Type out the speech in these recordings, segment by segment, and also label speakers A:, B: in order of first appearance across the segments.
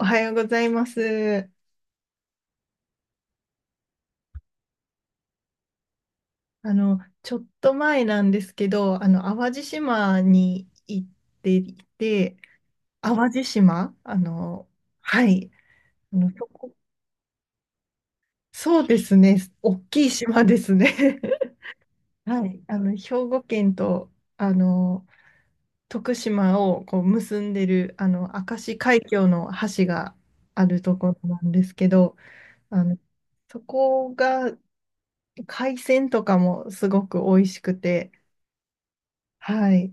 A: おはようございます。ちょっと前なんですけど、淡路島に行っていて、淡路島、はい。あの、そこ、そうですね、大きい島ですね。はい、兵庫県と、あの、徳島をこう結んでる、明石海峡の橋があるところなんですけど、あの、そこが海鮮とかもすごく美味しくて、はい。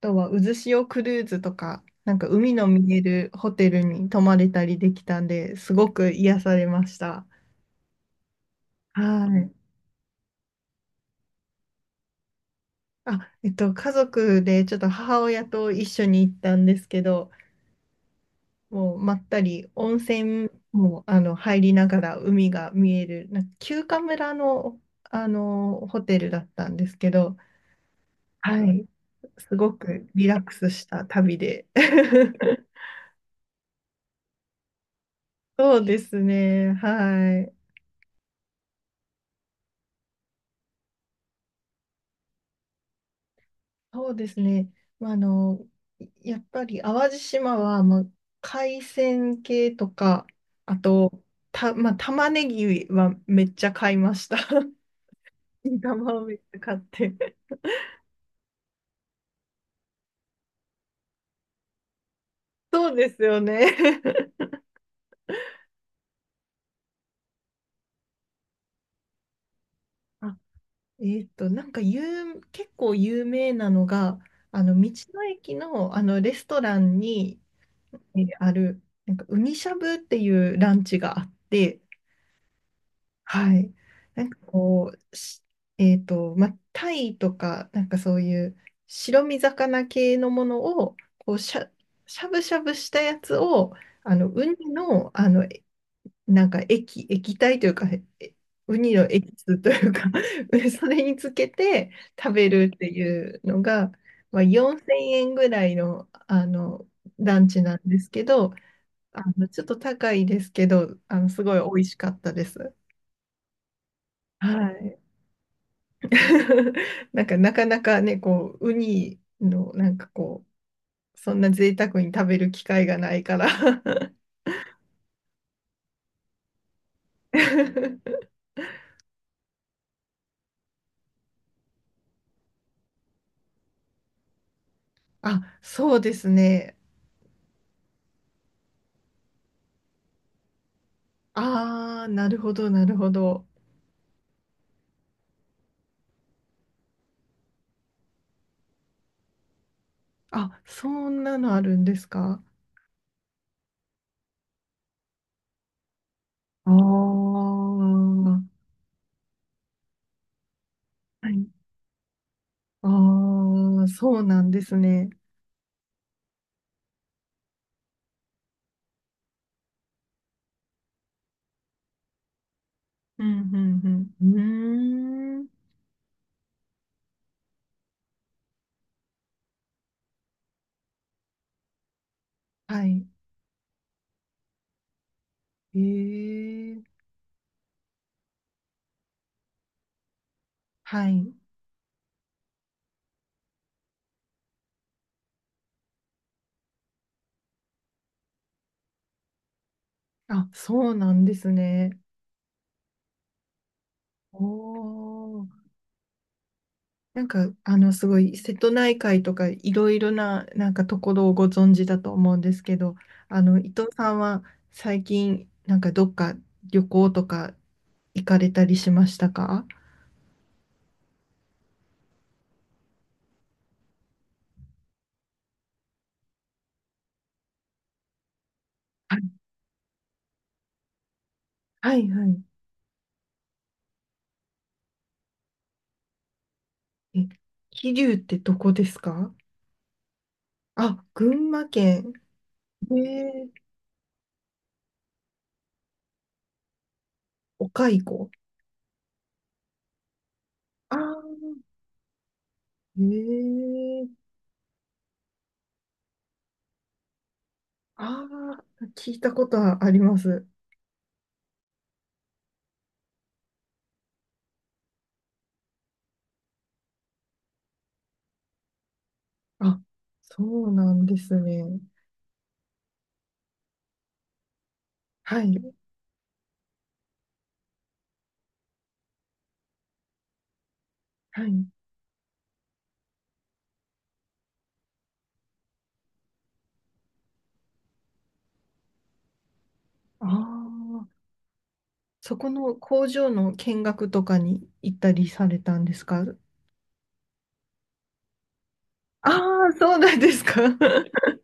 A: あとは、渦潮クルーズとか、なんか海の見えるホテルに泊まれたりできたんで、すごく癒されました。はい。あ、家族でちょっと母親と一緒に行ったんですけど、もうまったり温泉も入りながら海が見える、なんか休暇村の、ホテルだったんですけど、はい。すごくリラックスした旅で。そうですね。はい。そうですね。まあ、やっぱり淡路島は、まあ、海鮮系とか、あと、まあ、玉ねぎはめっちゃ買いました。新玉をめっちゃ買って。そうですよね。あ、なんか結構有名なのが、道の駅の、レストランにある、なんか、ウニしゃぶっていうランチがあって、はい。なんかこう、まあ、タイとか、なんかそういう白身魚系のものを、こう、しゃぶしゃぶしたやつを、ウニの、なんか液体というか、えウニのエキスというか それにつけて食べるっていうのが、まあ、4000円ぐらいの、ランチなんですけど、ちょっと高いですけど、すごい美味しかったです。はい。なんかなかなかね、こう、ウニのなんかこう、そんな贅沢に食べる機会がないから。 あ、そうですね。ああ、なるほど、なるほど。あ、そんなのあるんですか？ああー、はい。ああ、そうなんですね。うん、うん、うん。うーん。はい。ええ、はい。あ、そうなんですね。おー。なんか、すごい、瀬戸内海とか、いろいろな、なんかところをご存知だと思うんですけど、伊藤さんは最近、なんかどっか旅行とか行かれたりしましたか？はい、はい、はい。え、桐生ってどこですか？あ、群馬県。えー、お蚕。ああ、えー、ああ、聞いたことはあります。あ、そうなんですね。はい、はい。ああ。そこの工場の見学とかに行ったりされたんですか？ああー、そうなんですか。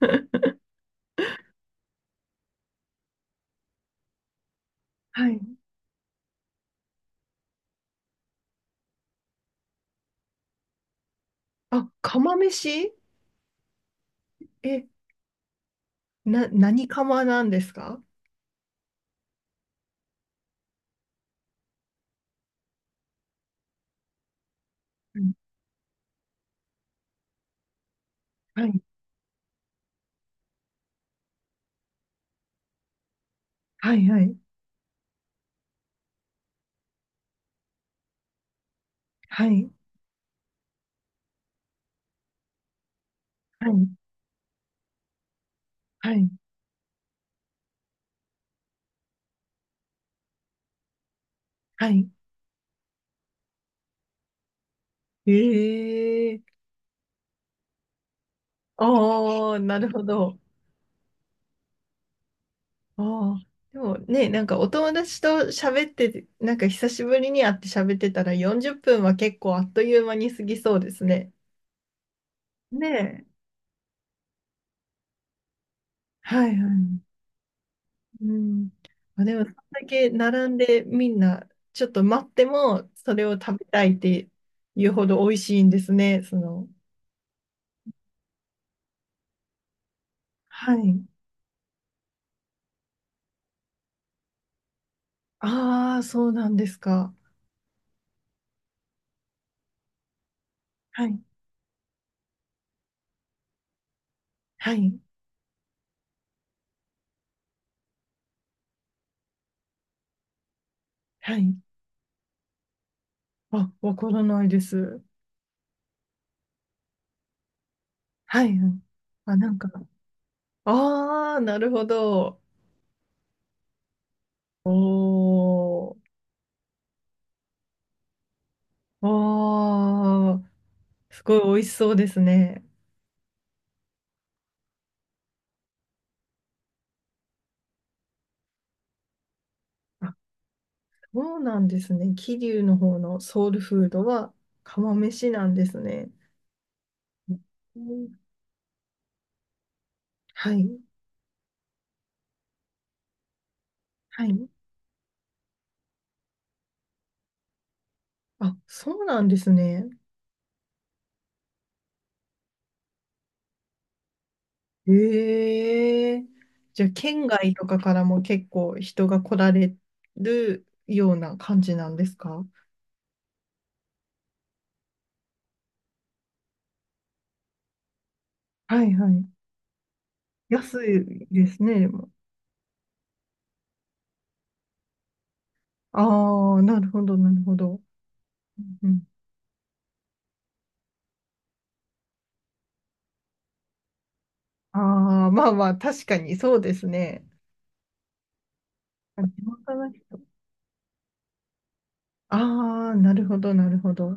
A: はい。あ、釜飯。え、何釜なんですか？うん。はい、はい、はい、はい、はい、はい、はい。ええ。ああー、なるほど。ああ。でもね、なんかお友達と喋ってて、なんか久しぶりに会って喋ってたら40分は結構あっという間に過ぎそうですね。ねえ。はい、はい。うん。まあ、でも、そんだけ並んでみんな、ちょっと待っても、それを食べたいっていうほど美味しいんですね、その。はい。ああ、そうなんですか。はい。はい。はい。あ、わからないです。はい。はい。あ、なんか、ああ、なるほど。おー。ああ、すごい美味しそうですね。あ、そうなんですね。桐生の方のソウルフードは釜飯なんですね。うん。はい。はい。あ、そうなんですね。ええ。じゃあ、県外とかからも結構人が来られるような感じなんですか？はい、はい。安いですね、でも。ああ、なるほど、なるほど。うん。ああ、まあまあ、確かにそうですね。あ、地元の人。ああ、なるほど、なるほど。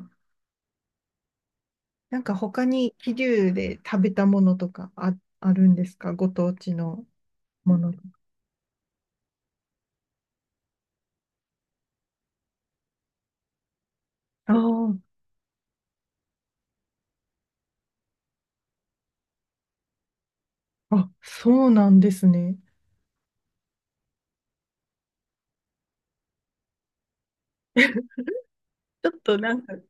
A: なんか他に桐生で食べたものとかあるんですか？ご当地のもの。あー。あ、そうなんですね。ちょっとなんか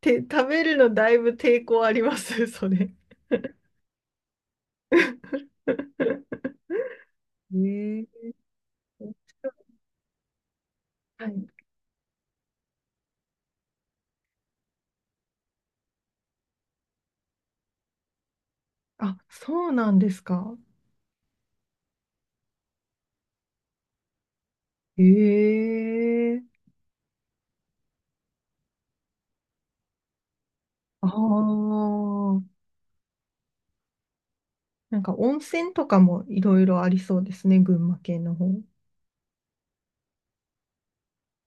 A: 食べるのだいぶ抵抗あります、それ。ええ。はい。あ、そうなんですか。ええ。ああー。なんか温泉とかもいろいろありそうですね、群馬県の方。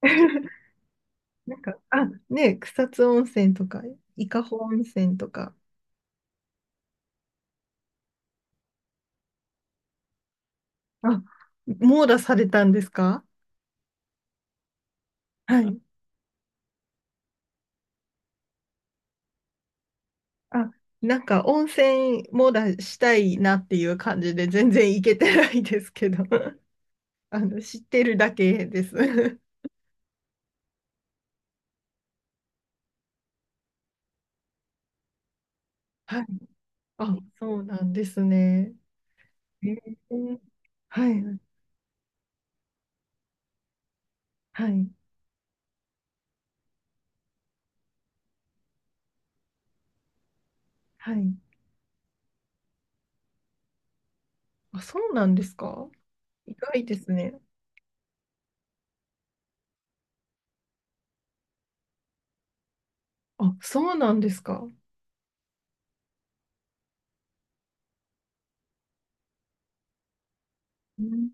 A: なんか、あ、ね、草津温泉とか、伊香保温泉とか、あ、網羅されたんですか？はい。あ、なんか温泉もだしたいなっていう感じで全然行けてないですけど。 知ってるだけです。はい。あ、そうなんですね。えー。はい、はい、はい。あ、そうなんですか？意外ですね。あ、そうなんですか。うん。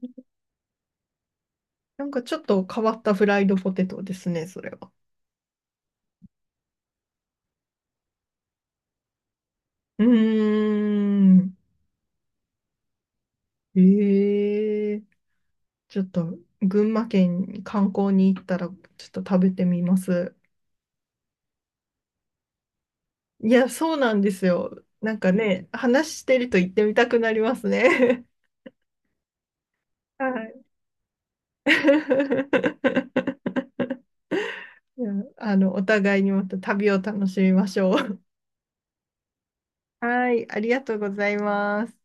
A: なんかちょっと変わったフライドポテトですね、それは。うーん。ええ。ちょっと群馬県に観光に行ったらちょっと食べてみます。いや、そうなんですよ。なんかね、話してると行ってみたくなりますね。はい。いや、お互いにまた旅を楽しみましょう。はい、ありがとうございます。